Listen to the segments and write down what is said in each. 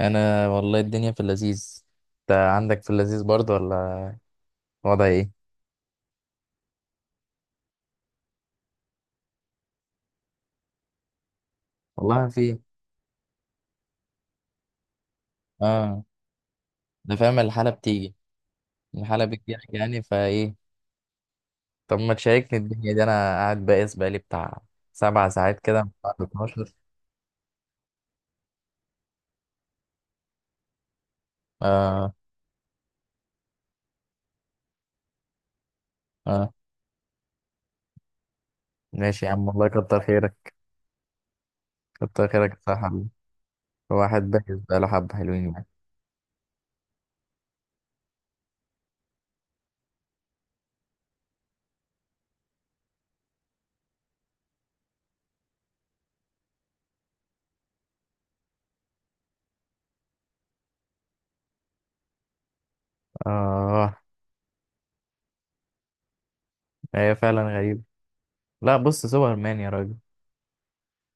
انا والله الدنيا في اللذيذ. انت عندك في اللذيذ برضه ولا؟ وضع ايه؟ والله في. اه، انا فاهم الحالة بتيجي. الحالة بتجيلك يعني فايه. طب ما تشاركني الدنيا دي، انا قاعد بائس بقالي بتاع سبع ساعات كده من بعد 12. اه اه ماشي يا عم والله كتر خيرك. كتر خيرك يا صاحبي. الواحد بائس بقاله حبة حلوين يعني. اه. هي فعلا غريبة. لا بص سوبر مان يا راجل.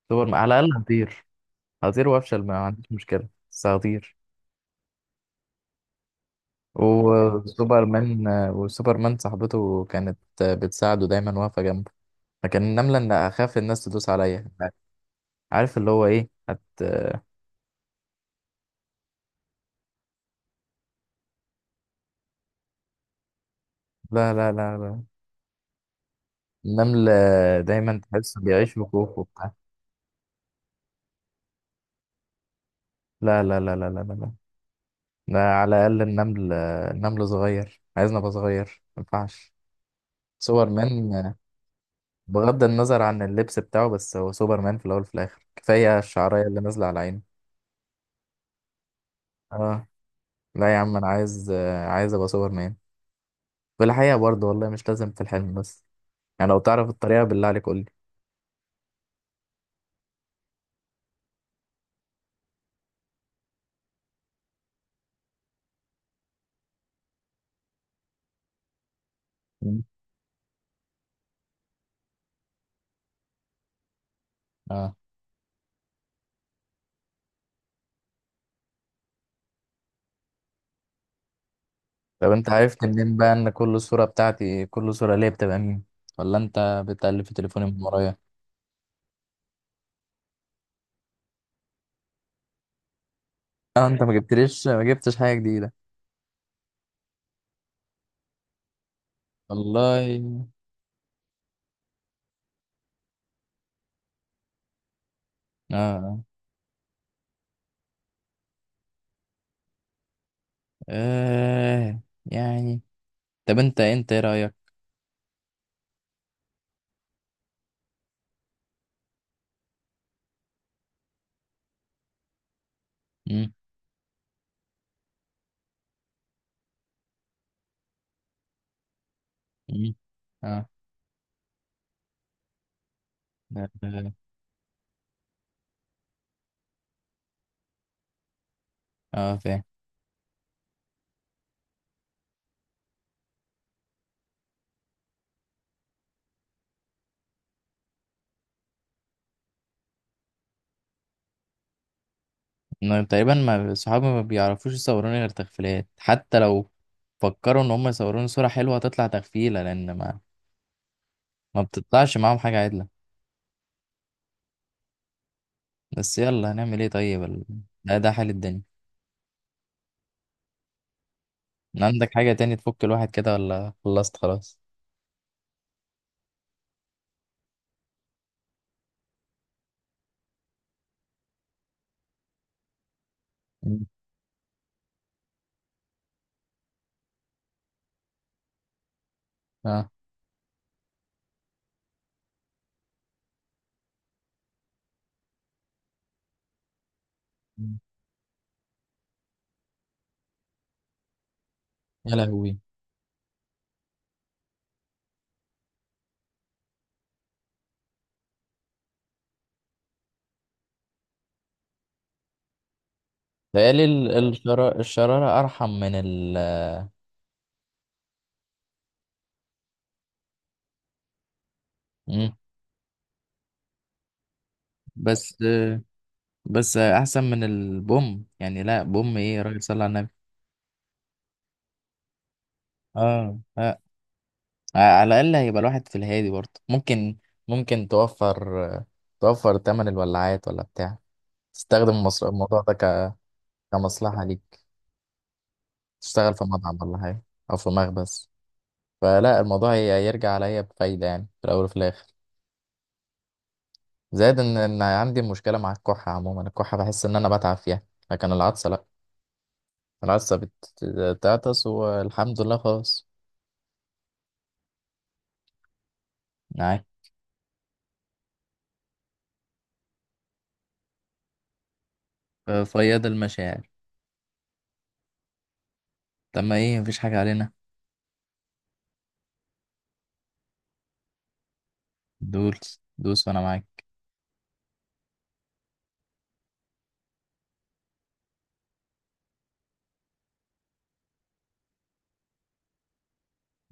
سوبر مان على الاقل هطير. هطير وافشل ما عنديش مشكلة بس هطير. وسوبرمان صاحبته كانت بتساعده دايما واقفة جنبه. لكن النملة ان اخاف الناس تدوس عليا. عارف اللي هو ايه لا لا لا لا، النمل دايما تحس بيعيش في كوخ وبتاع. لا لا لا لا لا لا لا، ده على الأقل النمل. النمل صغير عايزنا أبقى صغير ما ينفعش. سوبرمان، بغض النظر عن اللبس بتاعه، بس هو سوبرمان في الأول وفي الآخر، كفاية الشعرية اللي نازلة على عينه. اه. لا يا عم أنا عايز، أبقى سوبرمان. في الحقيقة برضه والله مش لازم في الحلم بس. يعني لو تعرف الطريقة بالله عليك قول لي. مم. اه. طب انت عرفت منين بقى ان كل صورة بتاعتي، كل صورة ليا بتبقى مين؟ ولا انت بتقلب في تليفوني من ورايا؟ اه انت ما جبتش حاجة جديدة. والله. اه اه آه، يعني. طب انت ايه رأيك؟ مم. مم. اه اه آه، آه، فاهم. إنه تقريبا ما صحابي ما بيعرفوش يصوروني غير تغفيلات، حتى لو فكروا ان هم يصوروني صورة حلوة هتطلع تغفيلة، لان ما بتطلعش معاهم حاجة عدلة. بس يلا هنعمل ايه طيب ده حال الدنيا. عندك حاجة تاني تفك الواحد كده ولا خلصت خلاص؟ مم. اه مم. يا لهوي. بقالي الشرارة أرحم من مم. بس بس أحسن من البوم، يعني لا بوم ايه يا راجل صلى على النبي. اه آه. على الأقل هيبقى الواحد في الهادي برضه، ممكن توفر تمن الولاعات ولا بتاع. تستخدم الموضوع ده كمصلحة ليك، تشتغل في مطعم ولا حاجة، أو في مخبز. فلا الموضوع يرجع عليا بفايدة يعني في الأول وفي الآخر. زائد إن عندي مشكلة مع الكحة، عموما الكحة بحس إن أنا بتعب فيها. لكن العطسة لأ، العطسة بتعطس والحمد لله خلاص. معاك. فياض المشاعر. طب ما إيه مفيش حاجة علينا. دوس دوس وأنا معاك.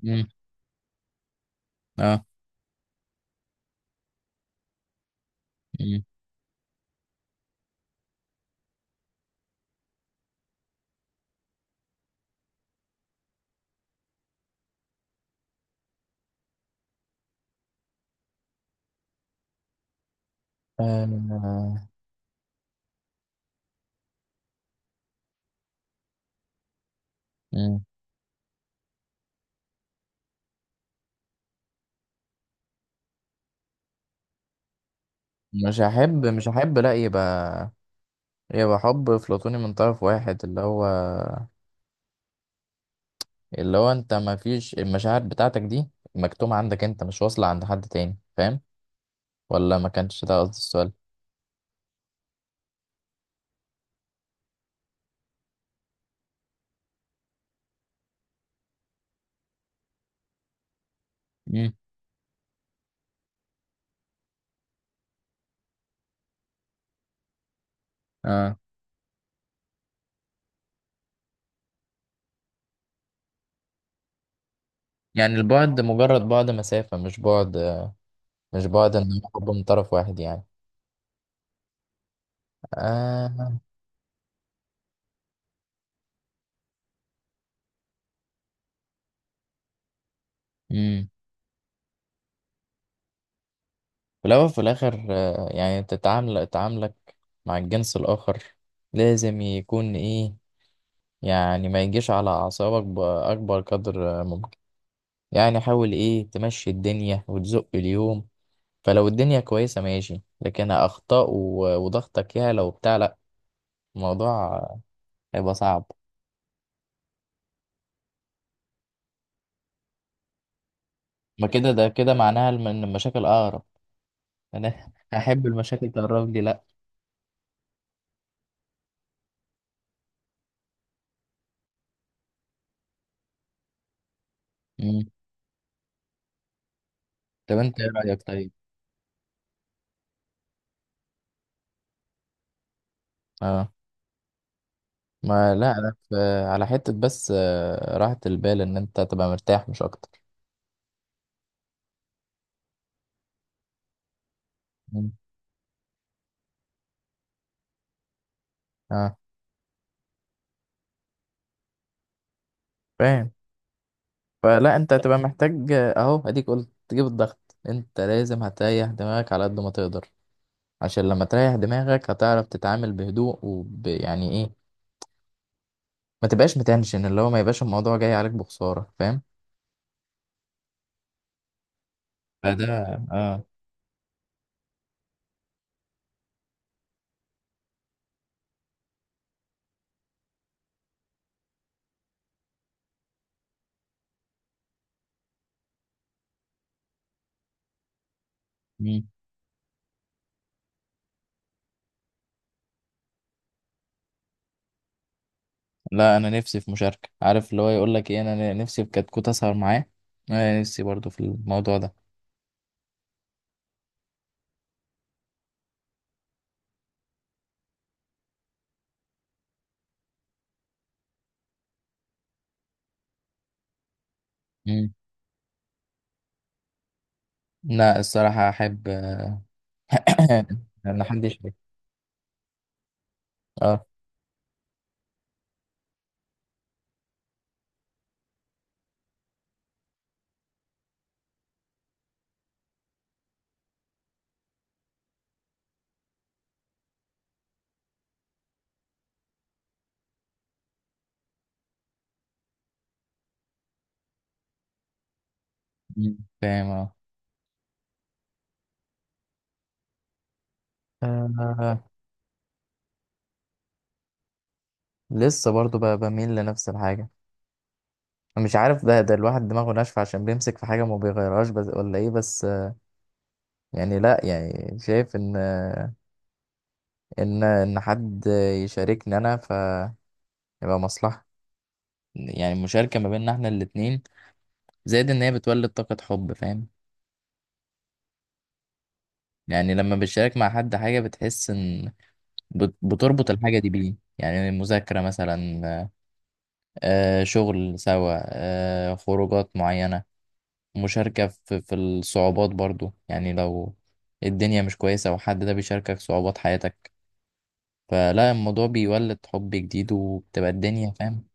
مم. أه مم. آه، مم. مش هحب، لا يبقى، يبقى حب أفلاطوني من طرف واحد، اللي هو انت ما فيش المشاعر بتاعتك دي مكتومة عندك انت، مش واصلة عند حد تاني، فاهم؟ ولا ما كانش ده قصدي السؤال. امم اه. يعني البعد مجرد بعد مسافة، مش بعد، ان هو حب من طرف واحد يعني. آه. امم. في الاول وفي الاخر آه، يعني تعاملك مع الجنس الاخر لازم يكون ايه، يعني ما يجيش على اعصابك باكبر قدر ممكن. يعني حاول ايه تمشي الدنيا وتزق اليوم. فلو الدنيا كويسة ماشي، لكن أخطاء وضغطك يا لو بتاع، لأ، الموضوع هيبقى صعب. ما كده، ده كده معناها إن المشاكل أقرب. أنا أحب المشاكل تقرب لي؟ لأ. مم. طب أنت إيه رأيك طيب؟ أه. ما لأ أنا في، على حتة بس آه، راحة البال إن أنت تبقى مرتاح مش أكتر. مم. أه فاهم. فلا أنت هتبقى محتاج آه، أهو أديك قلت تجيب الضغط، أنت لازم هتريح دماغك على قد ما تقدر. عشان لما تريح دماغك هتعرف تتعامل بهدوء يعني ايه، ما تبقاش متنشن، اللي هو ما يبقاش الموضوع جاي عليك بخسارة، فاهم؟ فده اه مم. لا انا نفسي في مشاركة، عارف اللي هو يقول لك ايه، انا نفسي في كتكوت اسهر معاه. انا نفسي برضو في الموضوع ده. مم. لا الصراحة احب ان حد يشارك. اه مم. فاهم اه آه، لسه برضو بميل لنفس الحاجة. مش عارف ده الواحد دماغه ناشفة عشان بيمسك في حاجة ما بيغيرهاش بس، ولا ايه بس. يعني لا يعني شايف ان، ان حد يشاركني انا فيبقى مصلحة، يعني المشاركة ما بيننا احنا الاتنين، زائد ان هي بتولد طاقة حب، فاهم؟ يعني لما بتشارك مع حد حاجة بتحس ان بتربط الحاجة دي بيه، يعني مذاكرة مثلا، آه، شغل سوا، آه، خروجات معينة، مشاركة في الصعوبات برضو، يعني لو الدنيا مش كويسة وحد ده بيشاركك صعوبات حياتك، فلا الموضوع بيولد حب جديد وبتبقى الدنيا فاهم.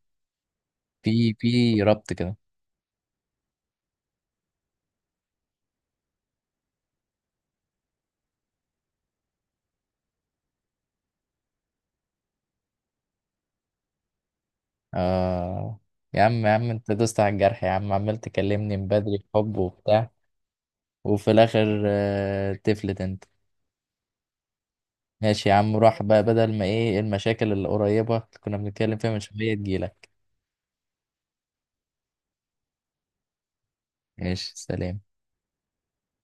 في ربط كده. آه يا عم، يا عم انت دوست على الجرح يا عم، عمال تكلمني من بدري في حب وبتاع، وفي الاخر آه تفلت انت. ماشي يا عم روح بقى، بدل ما ايه المشاكل اللي قريبة اللي كنا بنتكلم فيها من شوية تجيلك. ماشي سلام.